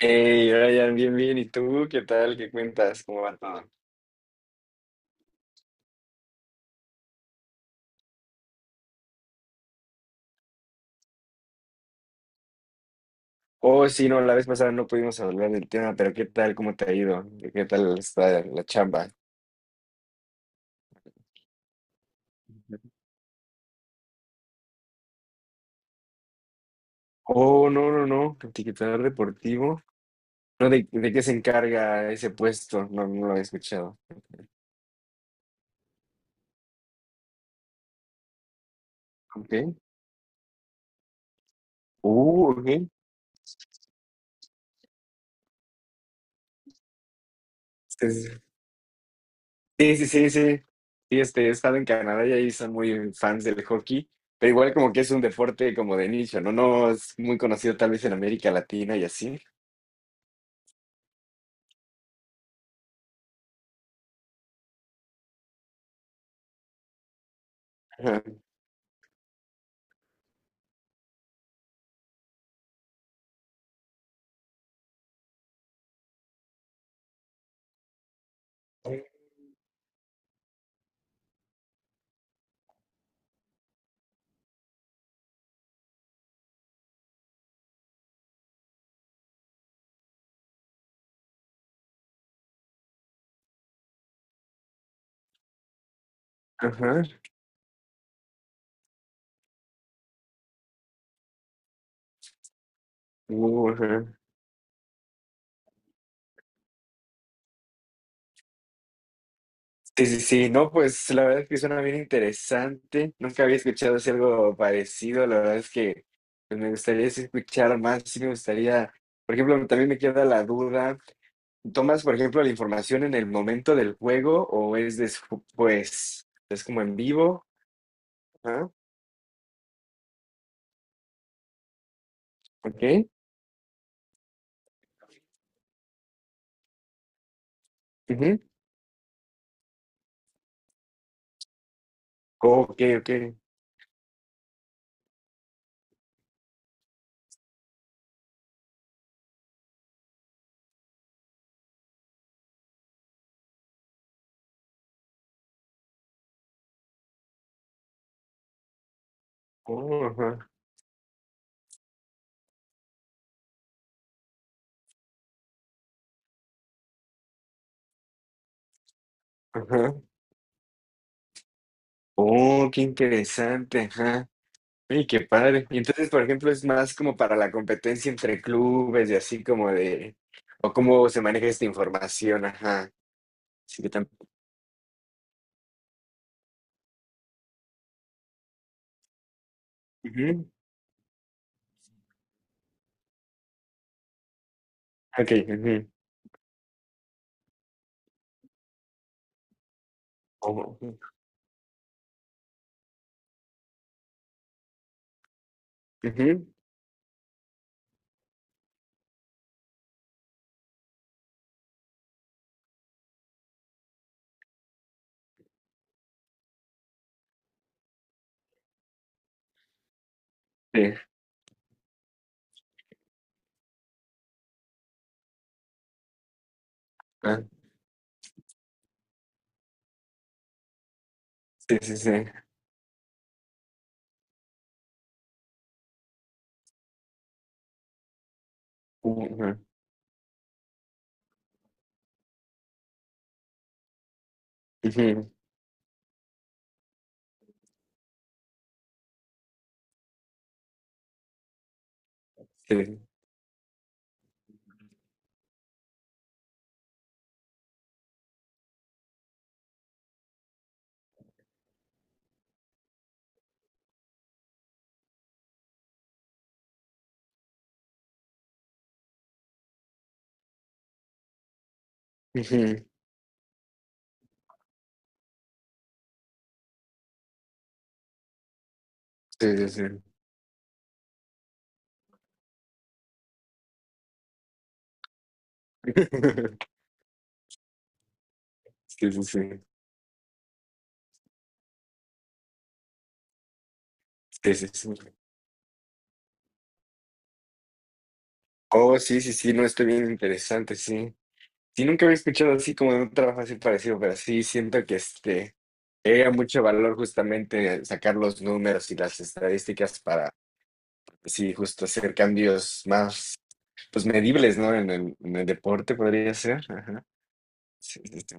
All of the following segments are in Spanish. Hey, Ryan, bien, bien. ¿Y tú qué tal? ¿Qué cuentas? ¿Cómo va todo? Oh, sí, no, la vez pasada no pudimos hablar del tema, pero ¿qué tal? ¿Cómo te ha ido? ¿Qué tal está la chamba? Oh, no, no, no. Etiquetador deportivo. No, ¿de qué se encarga ese puesto? No, no lo había escuchado. Ok. Ok. Sí, sí, sí, sí, sí. Sí, sí, este, he estado en Canadá y ahí son muy fans del hockey, pero igual como que es un deporte como de nicho, ¿no? No es muy conocido tal vez en América Latina y así. Ajá. Ajá, ajá. Sí, sí, sí, no, pues la verdad es que suena bien interesante. Nunca había escuchado así algo parecido. La verdad es que pues, me gustaría sí escuchar más. Sí, me gustaría, por ejemplo, también me queda la duda. ¿Tomas, por ejemplo, la información en el momento del juego o es después? Es como en vivo. Ajá, ok. Ujú. Ok, ok. Oh, ajá, ajá. Oh, qué interesante. Ajá. Oye, qué padre. Y entonces, por ejemplo, es más como para la competencia entre clubes y así como de, o cómo se maneja esta información, ajá. Sí que también. Ujú, okey, ujú. Oh, ujú, sí, ah, sí, sí, sí, ujú, ujú, sí, ujú, sí, sí, sí. Sí, sí, sí, sí, sí, sí. Oh, sí, sí, sí, no, está bien interesante, sí. Sí, nunca había escuchado así como de un trabajo así parecido, pero sí siento que este era mucho valor justamente sacar los números y las estadísticas para, pues sí, justo hacer cambios más, pues medibles, ¿no? En el deporte podría ser. Ajá. Sí, sí, sí.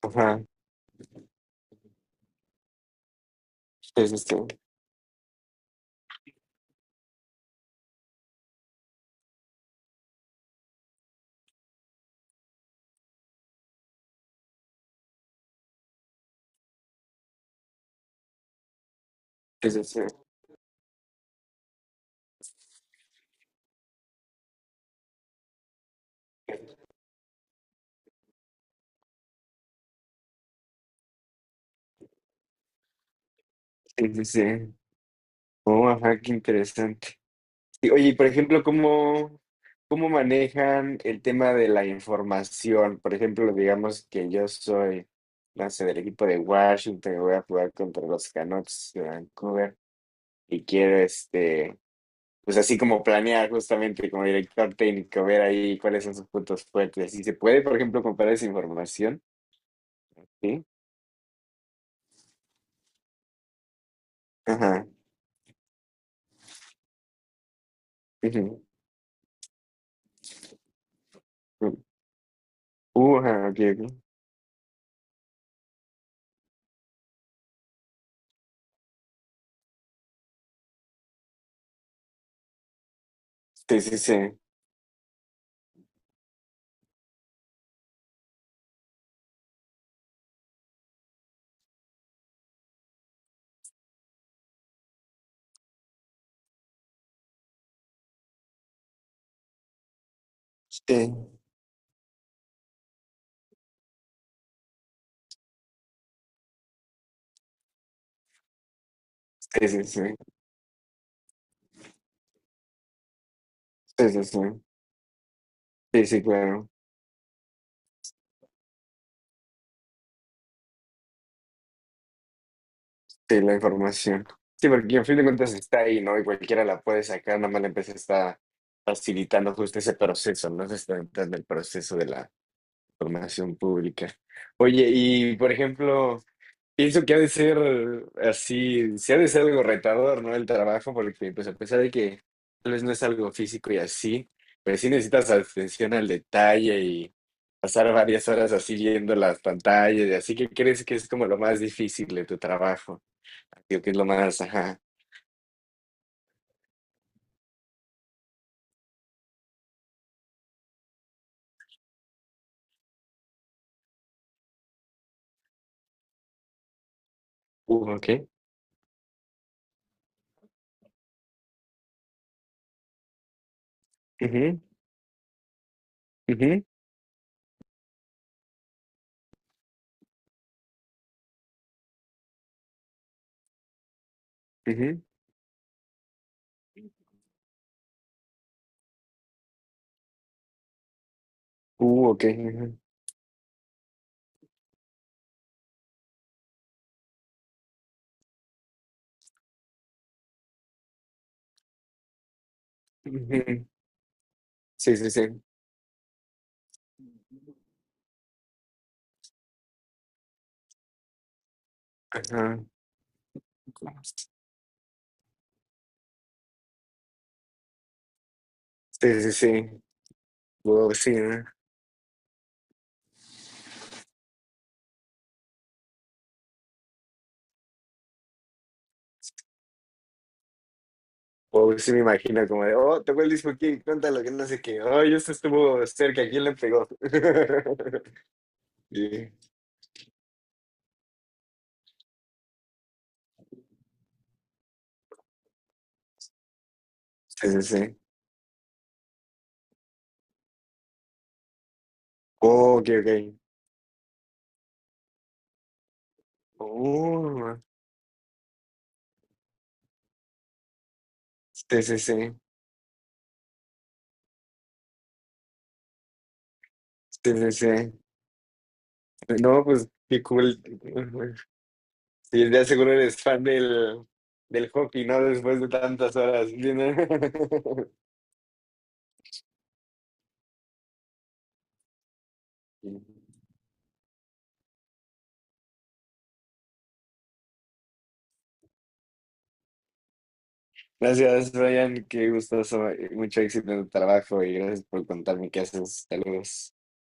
Ajá. Sí, sí, sí. Sí, sí, sí. Sí, sí, sí. Oh, ajá, qué interesante. Y, oye, y por ejemplo, ¿cómo, cómo manejan el tema de la información? Por ejemplo, digamos que yo soy, no sé, del equipo de Washington, y voy a jugar contra los Canucks de Vancouver y quiero, este, pues así como planear justamente como director técnico, ver ahí cuáles son sus puntos fuertes. ¿Y se puede, por ejemplo, comparar esa información? Sí. Ajá. Ujú, ujú. Ajá, ok, ok. Sí, sí, sí. Sí, sí, sí, sí. Sí, sí, sí. Sí, sí, claro. Sí, la información. Sí, porque en fin de cuentas está ahí, ¿no? Y cualquiera la puede sacar, nada más la empresa está facilitando justo ese proceso, ¿no? Se está entrando el proceso de la formación pública. Oye, y por ejemplo, pienso que ha de ser así, sí ha de ser algo retador, ¿no? El trabajo, porque pues a pesar de que tal vez no es algo físico y así, pues sí necesitas atención al detalle y pasar varias horas así viendo las pantallas y así que crees que es como lo más difícil de tu trabajo. Creo que es lo más, ajá. Ok. Ujú, ujú, ujú. Ok. Ujú, ujú. Sí, sí, sí. Ajá. Sí, sí, sí. Wow, sí, ¿no? Wow, sí me imagino como de, oh, tocó el disco aquí, cuéntalo, que no sé qué. Oh, esto estuvo cerca, ¿quién le pegó? Sí, sí, sí, sí. Oh, ok, ok. Oh, sí, sí, sí. Sí, sí, sí. No, pues, qué cool. Sí, ya seguro eres fan del, del hockey, ¿no? Después de tantas horas. Gracias, Brian. Qué gustoso. Mucho éxito en tu trabajo y gracias por contarme qué haces. Saludos.